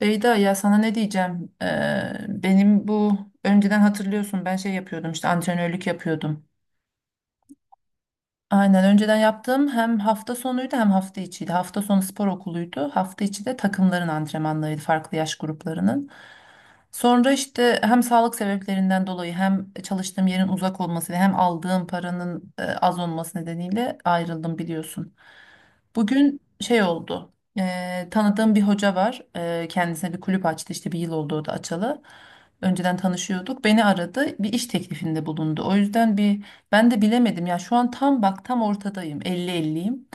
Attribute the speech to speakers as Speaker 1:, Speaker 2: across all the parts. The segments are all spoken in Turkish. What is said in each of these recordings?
Speaker 1: Beyda ya sana ne diyeceğim? Benim bu önceden hatırlıyorsun ben şey yapıyordum işte antrenörlük yapıyordum. Aynen önceden yaptığım hem hafta sonuydu hem hafta içiydi. Hafta sonu spor okuluydu. Hafta içi de takımların antrenmanlarıydı farklı yaş gruplarının. Sonra işte hem sağlık sebeplerinden dolayı hem çalıştığım yerin uzak olması ve hem aldığım paranın az olması nedeniyle ayrıldım biliyorsun. Bugün şey oldu. Tanıdığım bir hoca var. Kendisine bir kulüp açtı. İşte bir yıl oldu o da açalı. Önceden tanışıyorduk. Beni aradı. Bir iş teklifinde bulundu. O yüzden ben de bilemedim. Ya şu an tam bak tam ortadayım. Elli elliyim.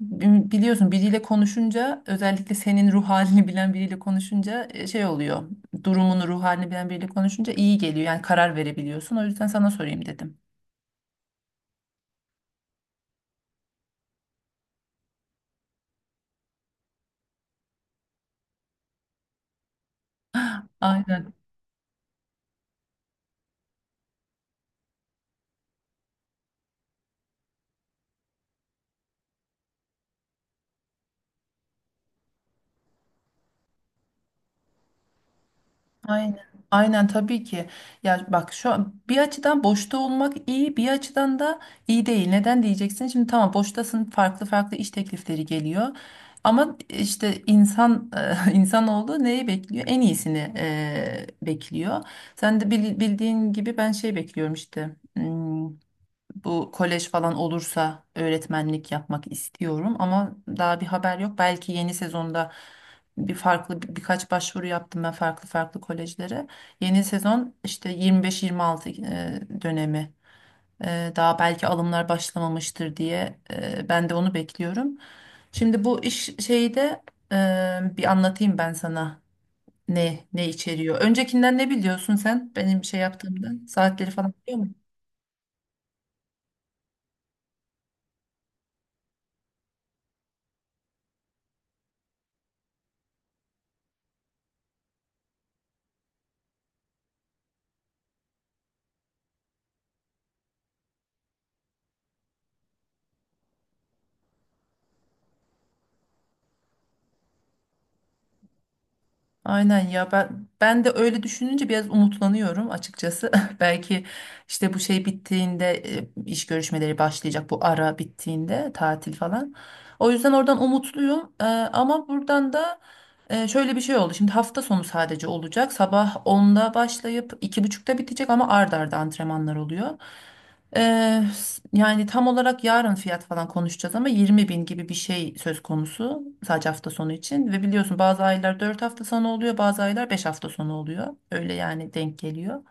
Speaker 1: Biliyorsun biriyle konuşunca, özellikle senin ruh halini bilen biriyle konuşunca şey oluyor. Durumunu, ruh halini bilen biriyle konuşunca iyi geliyor. Yani karar verebiliyorsun. O yüzden sana sorayım dedim. Aynen. Aynen. Aynen tabii ki. Ya bak, şu an bir açıdan boşta olmak iyi, bir açıdan da iyi değil. Neden diyeceksin? Şimdi tamam, boştasın, farklı farklı iş teklifleri geliyor. Ama işte insan insanoğlu neyi bekliyor? En iyisini bekliyor. Sen de bildiğin gibi ben şey bekliyorum işte. Bu kolej falan olursa öğretmenlik yapmak istiyorum ama daha bir haber yok. Belki yeni sezonda bir farklı birkaç başvuru yaptım ben farklı farklı kolejlere. Yeni sezon işte 25-26 dönemi. Daha belki alımlar başlamamıştır diye ben de onu bekliyorum. Şimdi bu iş şeyi de bir anlatayım ben sana ne içeriyor. Öncekinden ne biliyorsun sen benim şey yaptığımdan? Saatleri falan biliyor. Aynen ya ben de öyle düşününce biraz umutlanıyorum açıkçası. Belki işte bu şey bittiğinde iş görüşmeleri başlayacak, bu ara bittiğinde, tatil falan. O yüzden oradan umutluyum. Ama buradan da şöyle bir şey oldu. Şimdi hafta sonu sadece olacak. Sabah 10'da başlayıp 2.30'da bitecek ama ard arda antrenmanlar oluyor. Eee, yani tam olarak yarın fiyat falan konuşacağız ama 20 bin gibi bir şey söz konusu, sadece hafta sonu için. Ve biliyorsun, bazı aylar 4 hafta sonu oluyor, bazı aylar 5 hafta sonu oluyor, öyle yani denk geliyor.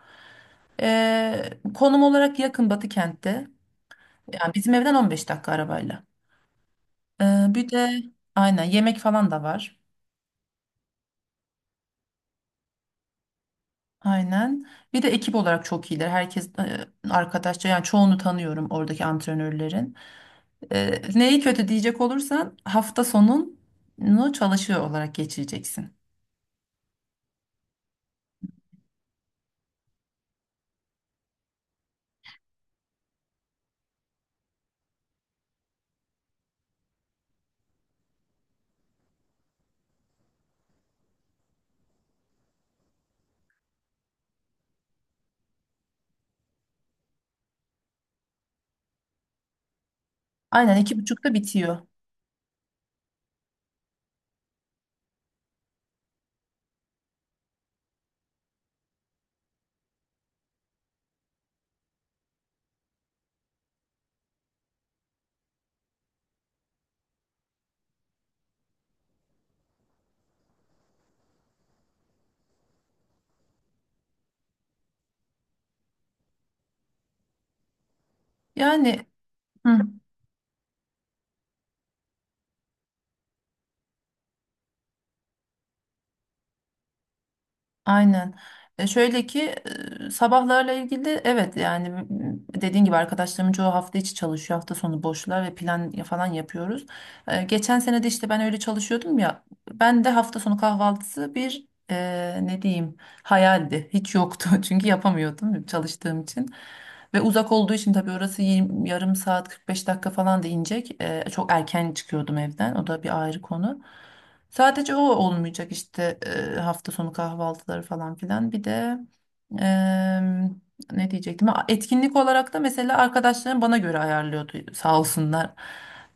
Speaker 1: Konum olarak yakın, Batı kentte, yani bizim evden 15 dakika arabayla. Bir de aynen, yemek falan da var. Aynen, bir de ekip olarak çok iyiler, herkes arkadaşça. Yani çoğunu tanıyorum oradaki antrenörlerin. Neyi kötü diyecek olursan, hafta sonunu çalışıyor olarak geçireceksin. Aynen, 2.30'da bitiyor. Yani, hı. Aynen. Şöyle ki sabahlarla ilgili, evet, yani dediğin gibi arkadaşlarımın çoğu hafta içi çalışıyor. Hafta sonu boşlar ve plan falan yapıyoruz. Geçen sene de işte ben öyle çalışıyordum ya. Ben de hafta sonu kahvaltısı bir ne diyeyim, hayaldi. Hiç yoktu çünkü yapamıyordum çalıştığım için. Ve uzak olduğu için tabii, orası yarım saat 45 dakika falan da inecek. Çok erken çıkıyordum evden. O da bir ayrı konu. Sadece o olmayacak işte, hafta sonu kahvaltıları falan filan. Bir de e, ne diyecektim? Ha, etkinlik olarak da mesela arkadaşlarım bana göre ayarlıyordu, sağ olsunlar.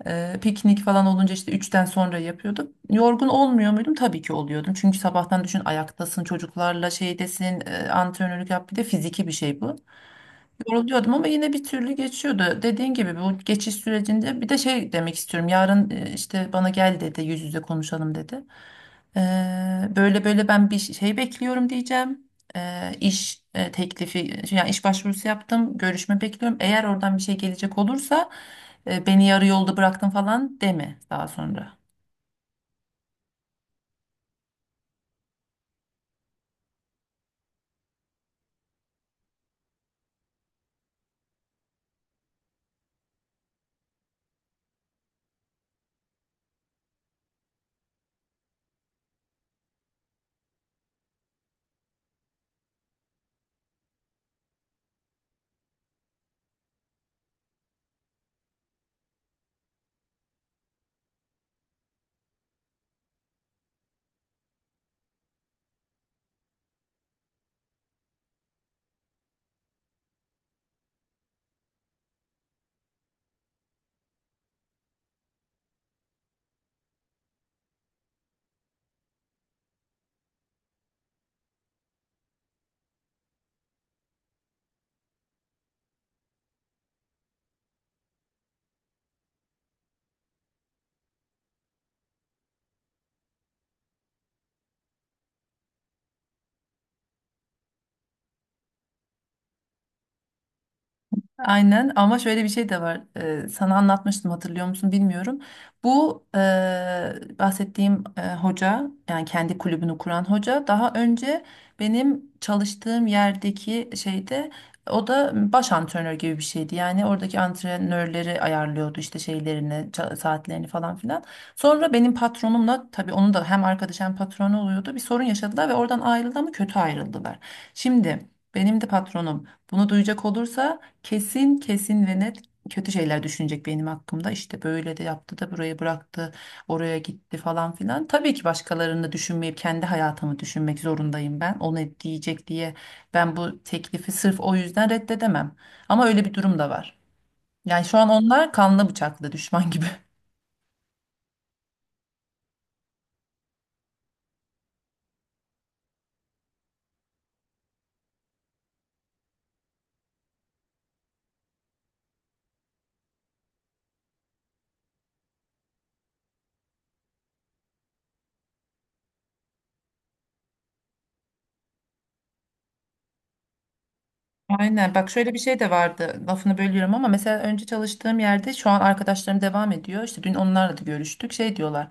Speaker 1: Piknik falan olunca işte üçten sonra yapıyorduk. Yorgun olmuyor muydum? Tabii ki oluyordum. Çünkü sabahtan düşün, ayaktasın, çocuklarla şeydesin, antrenörlük yap, bir de fiziki bir şey bu, yoruluyordum. Ama yine bir türlü geçiyordu. Dediğin gibi bu geçiş sürecinde bir de şey demek istiyorum. Yarın işte, bana gel dedi, yüz yüze konuşalım dedi. Böyle böyle ben bir şey bekliyorum diyeceğim. İş teklifi, şey, yani iş başvurusu yaptım, görüşme bekliyorum. Eğer oradan bir şey gelecek olursa beni yarı yolda bıraktın falan deme daha sonra. Aynen, ama şöyle bir şey de var. Sana anlatmıştım, hatırlıyor musun bilmiyorum. Bu bahsettiğim hoca, yani kendi kulübünü kuran hoca, daha önce benim çalıştığım yerdeki şeyde o da baş antrenör gibi bir şeydi. Yani oradaki antrenörleri ayarlıyordu işte, şeylerini, saatlerini falan filan. Sonra benim patronumla tabii, onun da hem arkadaş hem patronu oluyordu. Bir sorun yaşadılar ve oradan ayrıldı ama kötü ayrıldılar. Şimdi benim de patronum bunu duyacak olursa kesin kesin ve net kötü şeyler düşünecek benim hakkımda. İşte böyle de yaptı da burayı bıraktı, oraya gitti falan filan. Tabii ki başkalarını da düşünmeyip kendi hayatımı düşünmek zorundayım ben. O ne diyecek diye ben bu teklifi sırf o yüzden reddedemem. Ama öyle bir durum da var. Yani şu an onlar kanlı bıçaklı düşman gibi. Aynen, bak, şöyle bir şey de vardı, lafını bölüyorum ama mesela önce çalıştığım yerde şu an arkadaşlarım devam ediyor, işte dün onlarla da görüştük, şey diyorlar: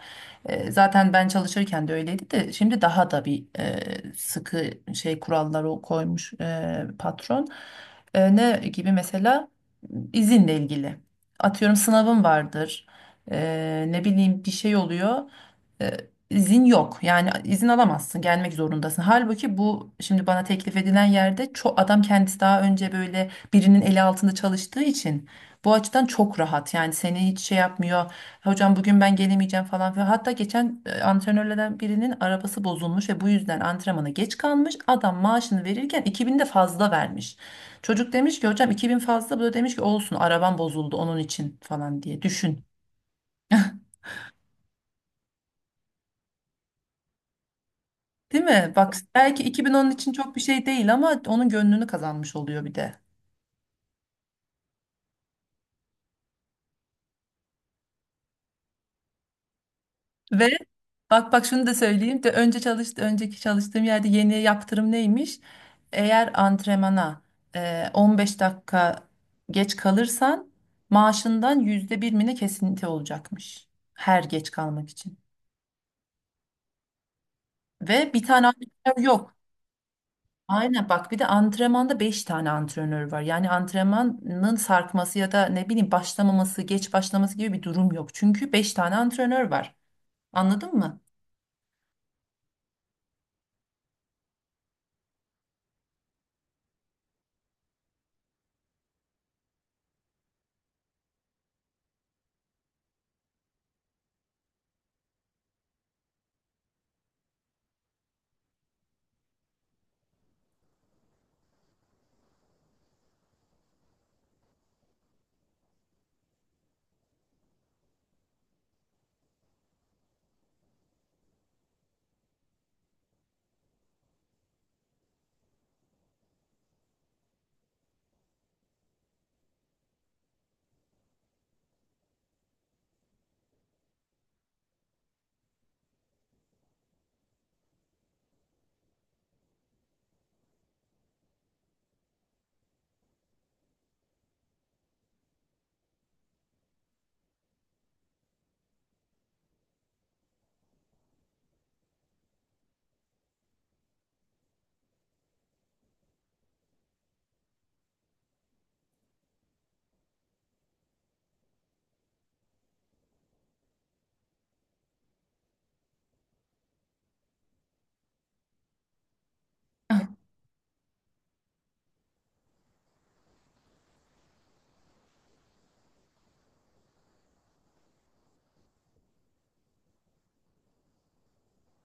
Speaker 1: zaten ben çalışırken de öyleydi de şimdi daha da bir sıkı şey, kuralları o koymuş patron. Ne gibi mesela? İzinle ilgili, atıyorum, sınavım vardır, ne bileyim bir şey oluyor, izin yok. Yani izin alamazsın, gelmek zorundasın. Halbuki bu şimdi bana teklif edilen yerde, çok, adam kendisi daha önce böyle birinin eli altında çalıştığı için bu açıdan çok rahat. Yani seni hiç şey yapmıyor. Hocam bugün ben gelemeyeceğim falan filan. Hatta geçen antrenörlerden birinin arabası bozulmuş ve bu yüzden antrenmana geç kalmış. Adam maaşını verirken 2000 de fazla vermiş. Çocuk demiş ki, hocam 2000 fazla. Bu da demiş ki, olsun, arabam bozuldu onun için falan diye düşün. Değil mi? Bak, belki 2000 onun için çok bir şey değil ama onun gönlünü kazanmış oluyor bir de. Ve bak bak, şunu da söyleyeyim de, önceki çalıştığım yerde yeni yaptırım neymiş? Eğer antrenmana 15 dakika geç kalırsan maaşından %1'ine kesinti olacakmış. Her geç kalmak için. Ve bir tane antrenör yok. Aynen, bak, bir de antrenmanda 5 tane antrenör var. Yani antrenmanın sarkması ya da ne bileyim başlamaması, geç başlaması gibi bir durum yok. Çünkü beş tane antrenör var. Anladın mı?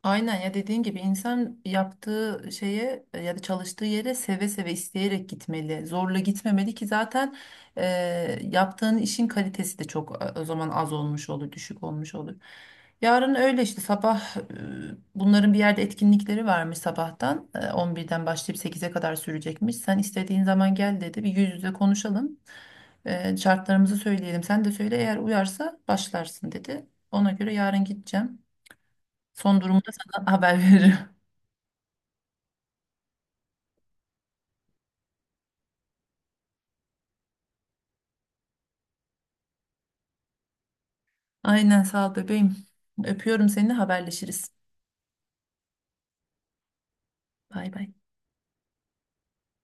Speaker 1: Aynen ya, dediğin gibi, insan yaptığı şeye ya da çalıştığı yere seve seve, isteyerek gitmeli. Zorla gitmemeli ki zaten e, yaptığın işin kalitesi de çok o zaman az olmuş olur, düşük olmuş olur. Yarın öyle işte, sabah bunların bir yerde etkinlikleri varmış, sabahtan 11'den başlayıp 8'e kadar sürecekmiş. Sen istediğin zaman gel dedi, bir yüz yüze konuşalım. Şartlarımızı söyleyelim, sen de söyle, eğer uyarsa başlarsın dedi. Ona göre yarın gideceğim. Son durumda sana haber veririm. Aynen, sağ ol bebeğim. Öpüyorum seni, haberleşiriz. Bay bay.